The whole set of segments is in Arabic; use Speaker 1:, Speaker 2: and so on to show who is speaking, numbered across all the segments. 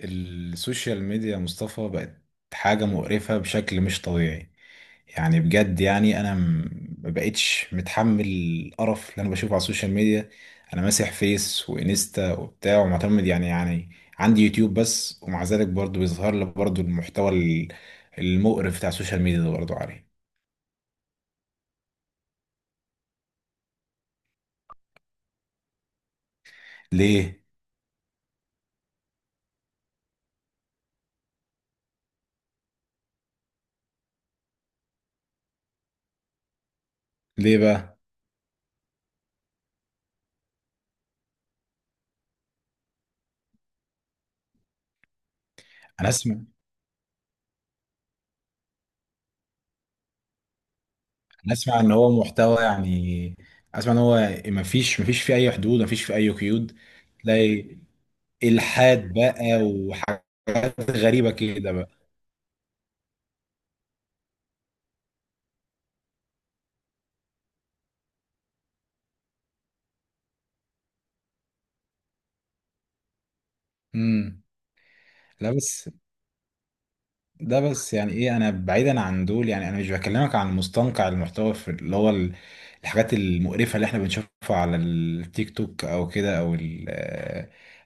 Speaker 1: السوشيال ميديا يا مصطفى بقت حاجة مقرفة بشكل مش طبيعي. يعني بجد ما بقتش متحمل القرف اللي انا بشوفه على السوشيال ميديا. انا ماسح فيس وانستا وبتاع ومعتمد يعني عندي يوتيوب بس، ومع ذلك برضو بيظهر لي برضو المحتوى المقرف بتاع السوشيال ميديا ده برضو عليه. ليه ليه بقى؟ انا اسمع انا اسمع ان هو محتوى، يعني اسمع ان هو ما فيش فيه اي حدود، ما فيش فيه اي قيود. تلاقي الحاد بقى وحاجات غريبه كده بقى. امم لا بس ده بس يعني ايه، انا بعيدا عن دول. يعني انا مش بكلمك عن مستنقع المحتوى في اللي هو الحاجات المقرفه اللي احنا بنشوفها على التيك توك او كده،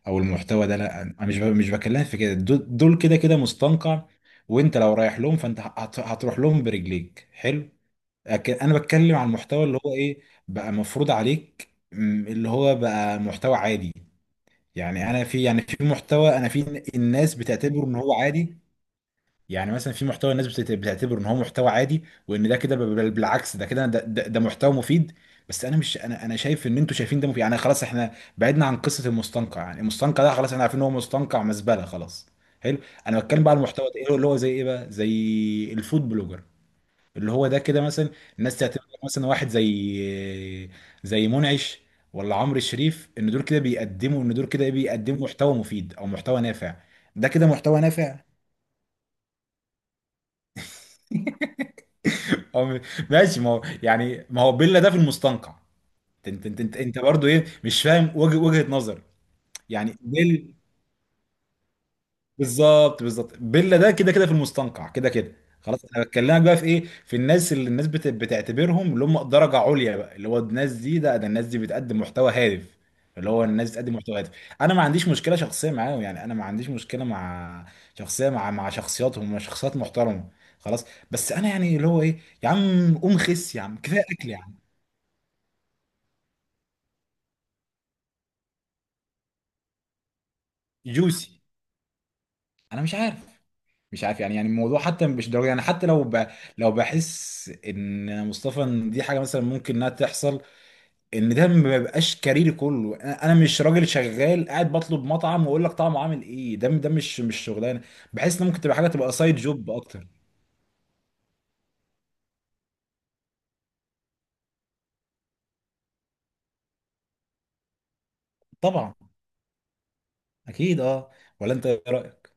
Speaker 1: او المحتوى ده. لا انا مش بكلمك في كده، دول كده كده مستنقع، وانت لو رايح لهم فانت هتروح لهم برجليك. حلو. لكن انا بتكلم عن المحتوى اللي هو ايه، بقى مفروض عليك اللي هو بقى محتوى عادي. يعني انا في، يعني في محتوى، انا في الناس بتعتبره ان هو عادي. يعني مثلا في محتوى الناس بتعتبره ان هو محتوى عادي، وان ده كده بالعكس ده كده، ده محتوى مفيد. بس انا مش انا انا شايف ان انتوا شايفين ده مفيد. يعني خلاص احنا بعدنا عن قصه المستنقع، يعني المستنقع ده خلاص احنا عارفين ان هو مستنقع مزبله، خلاص. حلو. انا بتكلم بقى على المحتوى ده، ايه اللي هو، زي ايه بقى؟ زي الفود بلوجر اللي هو ده كده مثلا. الناس تعتبر مثلا واحد زي منعش ولا عمرو الشريف، ان دول كده بيقدموا، ان دول كده بيقدموا محتوى مفيد او محتوى نافع، ده كده محتوى نافع. او م- ماشي، ما هو يعني ما هو بيلا ده في المستنقع. انت برضه ايه، مش فاهم وجهة نظر يعني. بالظبط، بالظبط، بيلا ده كده كده في المستنقع كده كده. خلاص انا بكلمك بقى في ايه، في الناس اللي الناس بتعتبرهم اللي هم درجه عليا بقى، اللي هو الناس دي، ده ده الناس دي بتقدم محتوى هادف، اللي هو الناس بتقدم محتوى هادف. انا ما عنديش مشكله شخصيه معاهم. يعني انا ما عنديش مشكله مع شخصيه، مع شخصياتهم، مع شخصيات محترمه، خلاص. بس انا يعني اللي هو ايه، يا عم قوم خس، يا عم كفايه اكل، يا عم جوسي. انا مش عارف، مش عارف يعني. يعني الموضوع حتى مش ضروري، يعني حتى لو بحس ان مصطفى، ان دي حاجه مثلا ممكن انها تحصل، ان ده ما بيبقاش كاريري كله. أنا مش راجل شغال قاعد بطلب مطعم واقول لك طعمه عامل ايه، ده ده مش شغلانه. بحس ان ممكن تبقى حاجه، تبقى سايد جوب اكتر. طبعا، اكيد اه. ولا انت ايه رايك؟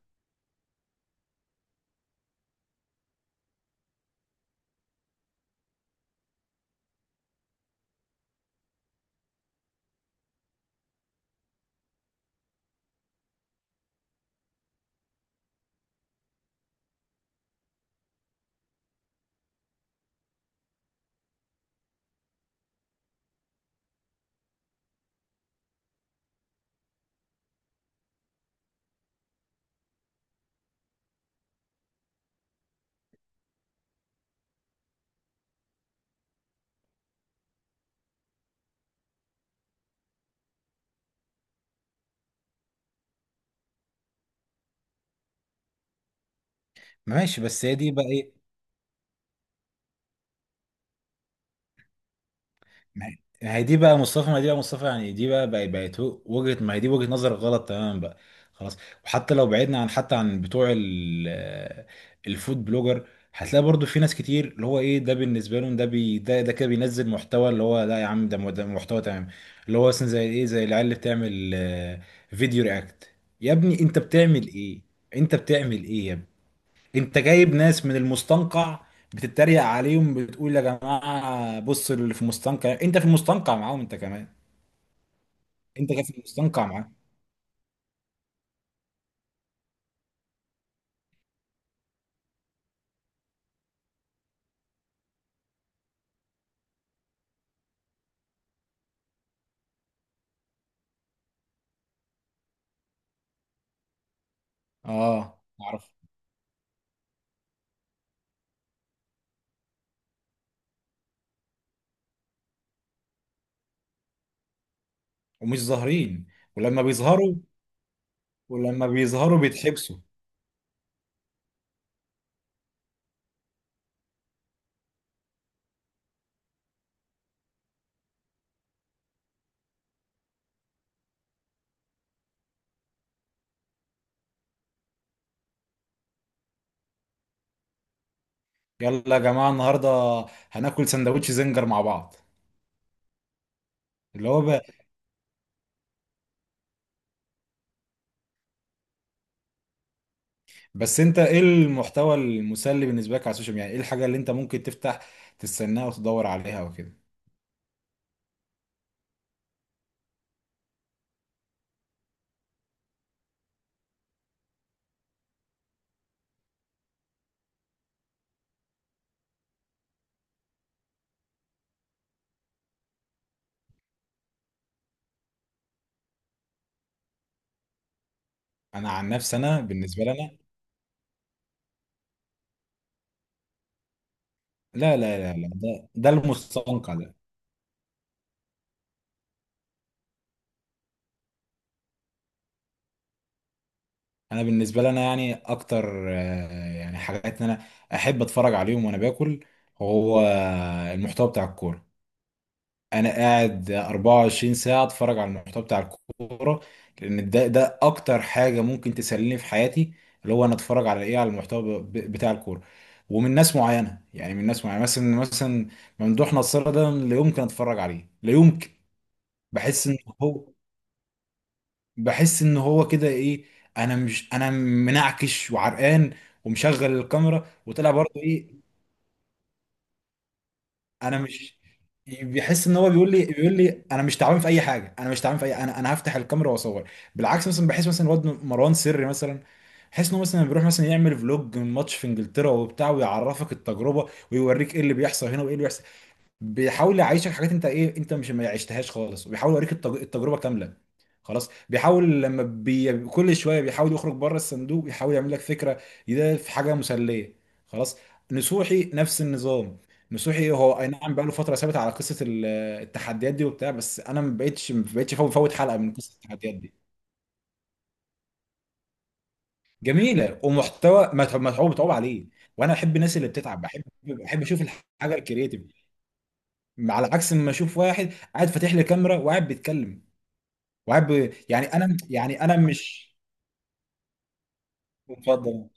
Speaker 1: ماشي، بس هي دي بقى ايه. ما ما هي دي بقى مصطفى، ما هي دي بقى مصطفى يعني دي بقى بقى- بقت هو- وجهة، ما هي دي وجهة نظر غلط تماما بقى، خلاص. وحتى لو بعدنا عن حتى عن بتوع الفود بلوجر، هتلاقي برضو في ناس كتير اللي هو ايه، ده بالنسبه لهم ده بي ده ده كده بينزل محتوى اللي هو لا يا عم، ده ده محتوى تمام. اللي هو مثلا زي ايه، زي العيال اللي بتعمل فيديو رياكت. يا ابني انت بتعمل ايه؟ انت بتعمل ايه يا ابني؟ انت جايب ناس من المستنقع بتتريق عليهم، بتقول يا جماعه بصوا اللي في المستنقع، انت في المستنقع معاهم انت كمان، انت كان في المستنقع معاهم. اه اعرف. ومش ظاهرين. ولما بيظهروا، ولما بيظهروا بيتحبسوا. يلا يا جماعه النهارده هناكل سندوتش زنجر مع بعض. اللي هو ب... بس انت ايه المحتوى المسلي بالنسبه لك على السوشيال ميديا؟ يعني ايه الحاجه اللي انت ممكن تفتح تستناها وتدور عليها وكده؟ انا عن نفسي، انا بالنسبه لي. لا ده المستنقع ده. انا بالنسبه لي انا يعني اكتر يعني حاجات ان انا احب اتفرج عليهم وانا باكل، هو المحتوى بتاع الكوره. انا قاعد 24 ساعه اتفرج على المحتوى بتاع الكوره، لان ده اكتر حاجه ممكن تسليني في حياتي. اللي هو انا اتفرج على ايه، على المحتوى بتاع الكوره، ومن ناس معينه. يعني من ناس معينه مثلا، ممدوح نصر ده لا يمكن اتفرج عليه، لا يمكن. بحس ان هو، كده ايه، انا مش، انا منعكش وعرقان ومشغل الكاميرا وطلع برضه ايه. انا مش بيحس ان هو بيقول لي انا مش تعبان في اي حاجه، انا مش تعبان في اي انا هفتح الكاميرا واصور. بالعكس مثلا بحس مثلا الواد مروان سري مثلا، بحس انه مثلا بيروح مثلا يعمل فلوج من ماتش في انجلترا وبتاع، ويعرفك التجربه، ويوريك ايه اللي بيحصل هنا وايه اللي بيحصل. بيحاول يعيشك حاجات انت ايه، انت مش ما عشتهاش خالص، وبيحاول يوريك التجربه كامله. خلاص، بيحاول كل شويه بيحاول يخرج بره الصندوق، يحاول يعمل لك فكره، ده في حاجه مسليه، خلاص. نصوحي نفس النظام. نصوحي هو اي نعم بقى له فتره ثابت على قصه التحديات دي وبتاع، بس انا ما بقتش فوت حلقه من قصه التحديات دي. جميله ومحتوى متعوب متعوب عليه، وانا احب الناس اللي بتتعب. بحب اشوف الحاجه الكرييتيف، على عكس ما اشوف واحد قاعد فاتح لي كاميرا وقاعد بيتكلم يعني انا، مش مفضل.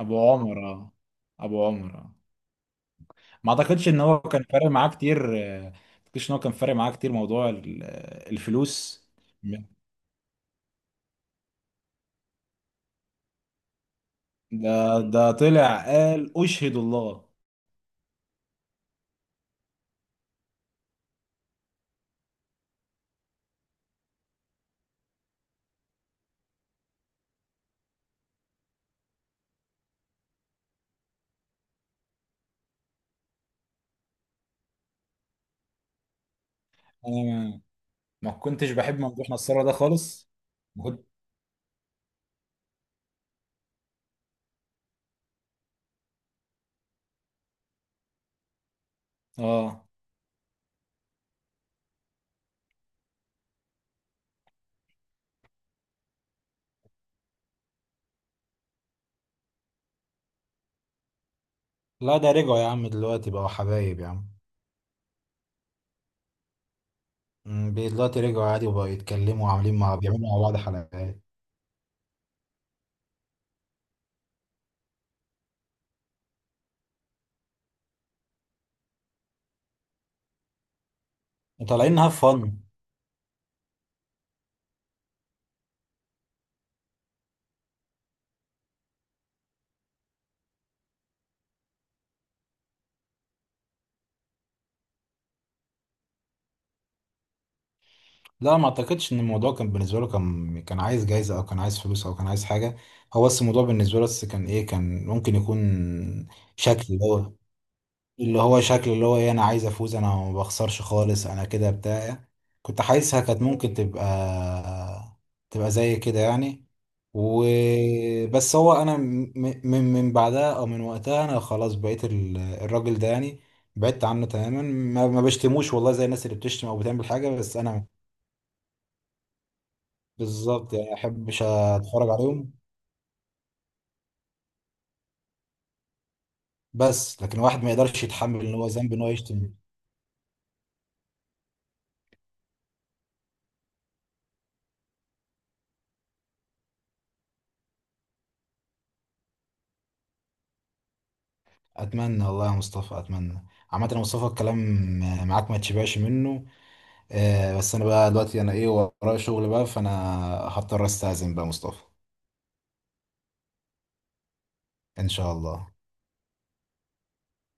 Speaker 1: ابو عمر اه، ابو عمر اه ما اعتقدش ان هو كان فارق معاه كتير. آه، ما اعتقدش ان هو كان فارق معاه كتير موضوع الفلوس. ده طلع قال اشهد الله. انا ما ما كنتش بحب ممدوح نصارى ده خالص. كنت- اه لا ده رجعوا يا عم دلوقتي، بقوا حبايب يا عم. أمم، دلوقتي رجعوا عادي وبقوا يتكلموا وعاملين مع، بيعملوا مع بعض حلقات، وطالعين انها فن. لا ما اعتقدش ان الموضوع كان بالنسبه له، كان كان عايز جايزه او كان عايز فلوس او كان عايز حاجه. هو بس الموضوع بالنسبه له بس كان ايه، كان ممكن يكون شكل اللي هو، اللي هو شكل اللي هو ايه، انا عايز افوز، انا ما بخسرش خالص، انا كده بتاع. كنت حاسسها كانت ممكن تبقى، تبقى زي كده يعني. وبس هو من بعدها، او من وقتها انا خلاص بقيت الراجل ده يعني بعدت عنه تماما. ما بشتموش والله زي الناس اللي بتشتم او بتعمل حاجه، بس انا بالظبط يعني احبش اتفرج عليهم. بس لكن واحد ما يقدرش يتحمل ان هو ذنب ان هو يشتم. اتمنى والله يا مصطفى، اتمنى. عامة يا مصطفى، الكلام معاك ما تشبعش منه. آه بس انا بقى دلوقتي انا ايه، ورايا شغل بقى، فانا هضطر استأذن بقى يا مصطفى. ان شاء الله.